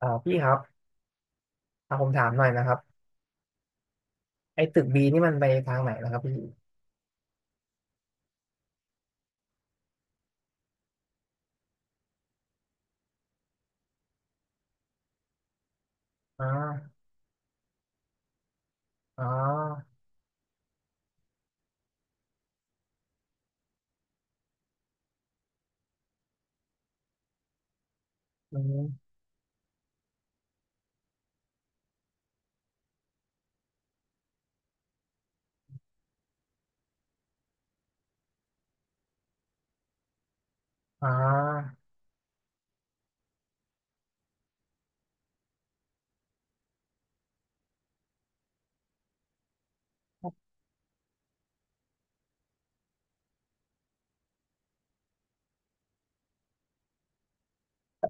พี่ครับผมถามหน่อยนะครับไอ้ตึกบีนี่มันไปทางไหนนะครับพี่อ่าอ่าอืมอ่า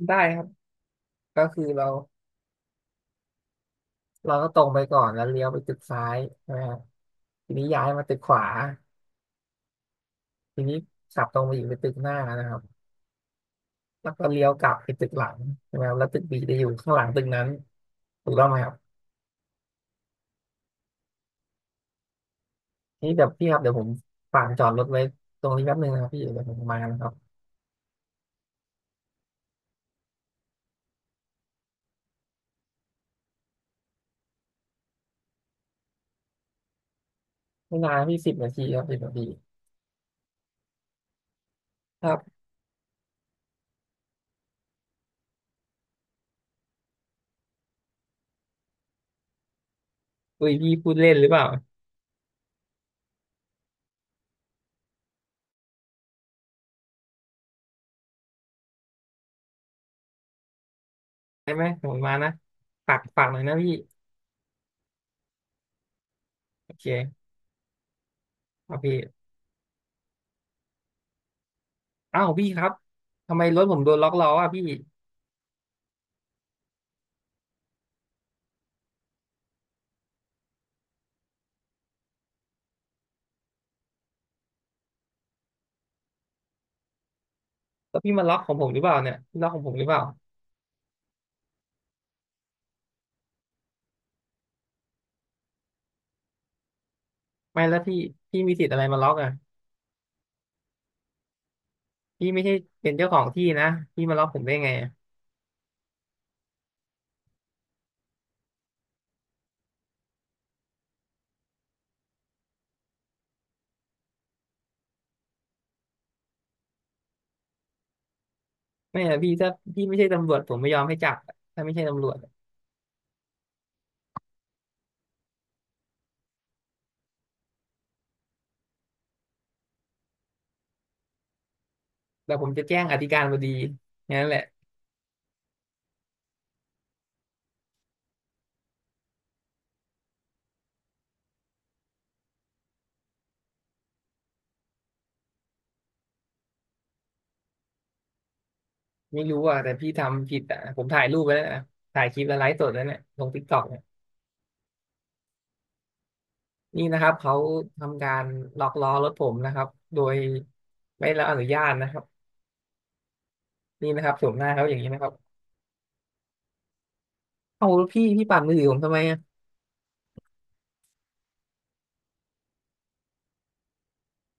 ได้ครับก็คือเราก็ตรงไปก่อนแล้วเลี้ยวไปตึกซ้ายใช่ไหมครับทีนี้ย้ายมาตึกขวาทีนี้ขับตรงไปอีกไปตึกหน้านะครับแล้วก็เลี้ยวกลับไปตึกหลังใช่ไหมครับแล้วตึกบีจะอยู่ข้างหลังตึกนั้นถูกต้องไหมครับนี่เดี๋ยวพี่ครับเดี๋ยวผมฝากจอดรถไว้ตรงนี้แป๊บนึงนะครับพี่เดี๋ยวผมมานะครับไม่นานพี่สิบนาทีครับสิบนาทีครับอุ้ยพี่พูดเล่นหรือเปล่า ได้ไหมผมมานะฝากหน่อยนะพี่โอเคเอาพี่อ้าวพี่ครับทำไมรถผมโดนล็อกล้ออ่ะพี่แล้วพี่มาล็อกของผมหรือเปล่าเนี่ยพี่ล็อกของผมหรือเปล่าไม่แล้วพี่มีสิทธิ์อะไรมาล็อกอ่ะพี่ไม่ใช่เป็นเจ้าของที่นะพี่มาล็อกผมได้ไงอะไม่อะพี่ถ้าพี่ไม่ใช่ตำรวจผมไม่ยอมให้จับอะถ้าไม่ใช่ตำรวจอะแต่ผมจะแจ้งอธิการบดีงั้นแหละไม่รู้อ่ะแต่พี่ทำผิดอ่ะผมถ่ายรูปไว้แล้วนะถ่ายคลิปแล้วไลฟ์สดแล้วเนี่ยลงติ๊กต็อก นี่นะครับเขาทำการล็อกล้อรถผมนะครับโดยไม่ได้รับอนุญาตนะครับนี่นะครับโฉมหน้าเขาอย่างนี้นะครับเอาพี่ปั่นมือถือผมทำไมอะ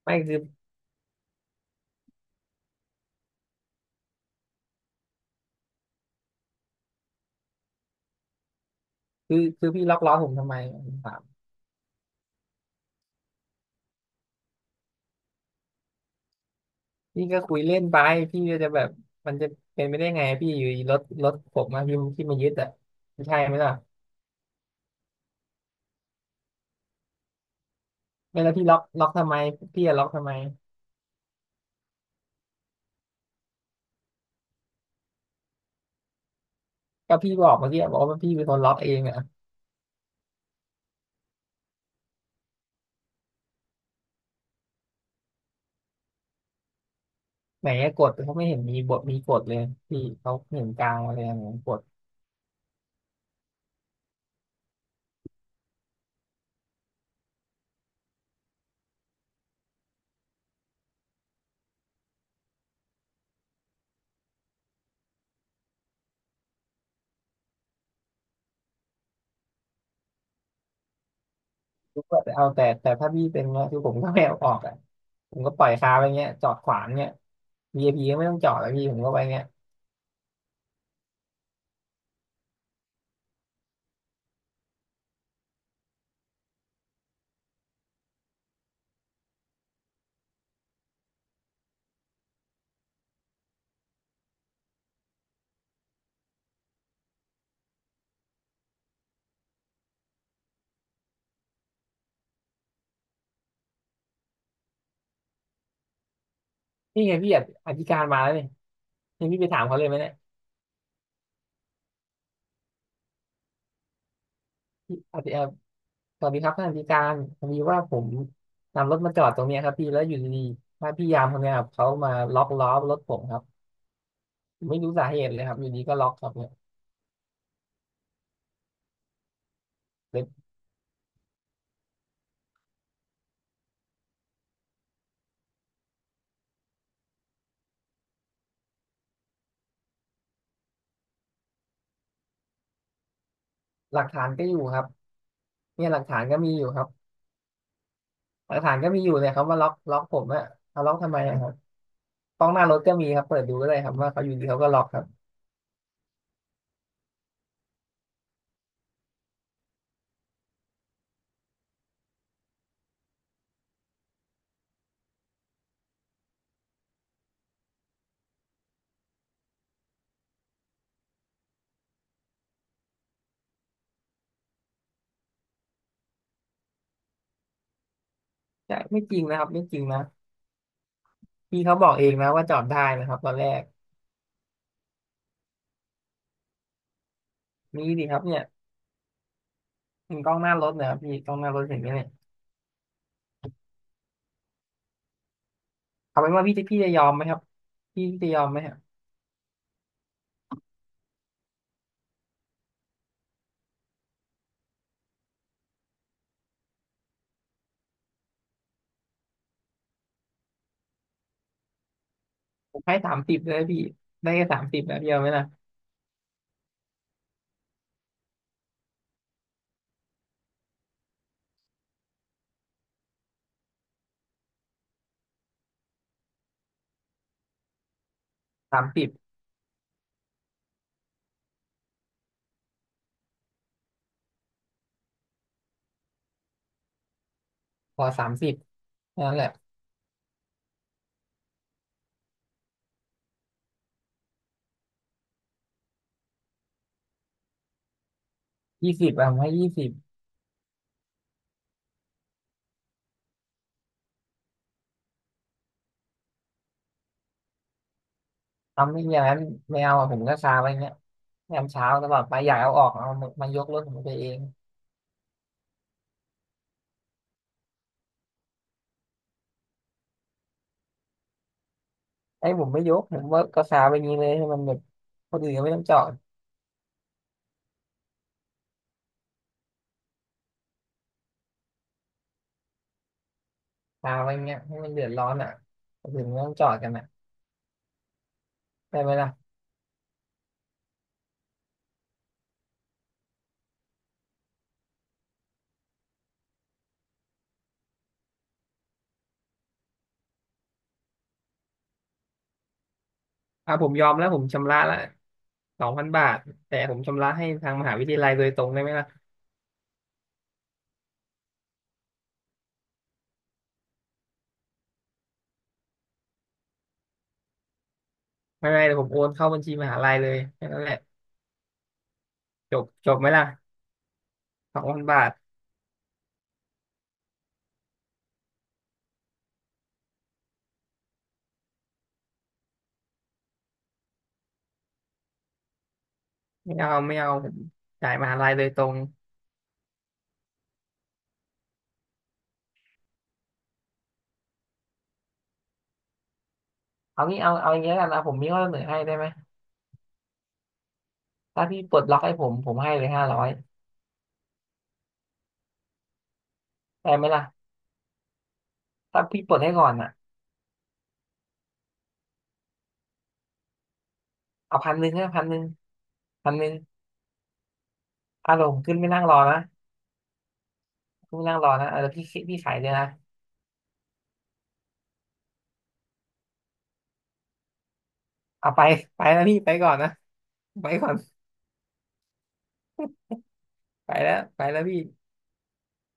ไม่คือพี่ล็อกล้อผมทำไมผมถามพี่ก็คุยเล่นไปพี่ก็จะแบบมันจะเป็นไปได้ไงพี่อยู่ดีรถผมมาพี่มายึดอ่ะไม่ใช่ไหมล่ะไม่แล้วพี่ล็อกทำไมพี่จะล็อกทำไมก็พี่บอกเมื่อกี้บอกว่าพี่เป็นคนล็อกเองอ่ะไหนอะกดเขาไม่เห็นมีบทมีกดเลยพี่เขาเห็นกลางอะไรอย่างเงี้ยกด ทุกคนเอาแต่ถ้าพี่เป็นเงี้ยคือผมก็ไม่เอาออกอ่ะผมก็ปล่อยคาไว้เงี้ยจอดขวางเงี้ย VIP ก็ไม่ต้องจอดแล้วพี่ผมก็ไว้เงี้ยนี่ไงพี่ออธิการมาแล้วเนี่ยนี่พี่ไปถามเขาเลยไหมเนี่ยพี่อธิเอ่อสวัสดีครับท่านอธิการพอดีว่าผมนำรถมาจอดตรงเนี้ยครับพี่แล้วอยู่ดีๆถ้าพี่ยามคนเนี้ยครับเขามาล็อกล้อรถผมครับผมไม่รู้สาเหตุเลยครับอยู่ดีก็ล็อกครับเนี่ยเป็นหลักฐานก็อยู่ครับเนี่ยหลักฐานก็มีอยู่ครับหลักฐานก็มีอยู่เนี่ยเขามาล็อกผมอะเอาล็อกทำไมอะครับ กล้องหน้ารถก็มีครับเปิดดูก็ได้ครับว่าเขาอยู่ดีเขาก็ล็อกครับใช่ไม่จริงนะครับไม่จริงนะพี่เขาบอกเองนะว่าจอดได้นะครับตอนแรกมีดิครับเนี่ยมีกล้องหน้ารถนะครับพี่กล้องหน้ารถเห็นไหมเนี่ยเอาเป็นว่าพี่จะยอมไหมครับพี่จะยอมไหมฮะผมให้สามสิบเลยพี่ได้แค่สามสิบนะพี่เอาไหมนะสามสิบพอสามสิบนั่นแหละยี่สิบอะผมให้ยี่สิบทำไม่อย่างนั้นไม่เอาอะผมก็คาไว้เงี้ยยามเช้าตลอดไปอยากเอาออกเอามายกรถผมไปเอง ไอ้ผมไม่ยกผมว่าก็สาไปอย่างนี้เลยให้มันแบบคนอื่นก็ไม่ต้องจอดสาไปาเงี้ยให้มันเดือดร้อนอ่ะคนอื่นไม่ต้องจอดกันอ่ะได้ไหมล่ะอ่ะผมยอมแล้วผมชำระละสองพันบาทแต่ผมชำระให้ทางมหาวิทยาลัยโดยตรงได้ไหมล่ะไม่ไม่เดี๋ยวผมโอนเข้าบัญชีมหาลัยเลยแค่นั้นแหละจบจบไหมล่ะสองพันบาทไม่เอาไม่เอาผมจ่ายมหาลัยโดยตรงเอางี้เอาอย่างเงี้ยกันนะผมมีข้อเสนอให้ได้ไหมถ้าพี่ปลดล็อกให้ผมผมให้เลย500ได้ไหมล่ะถ้าพี่ปลดให้ก่อนอ่ะเอาพันหนึ่งให้พันหนึ่งพันหนึ่ง อารมณ์ขึ้นไม่นั่งรอนะขึ้นไม่นั่งรอนะเออพี่ขายเลยนะเอาไปไปแล้วพี่ไปก่อนนะ ไปก่อนไปแล้วไปแล้วพี่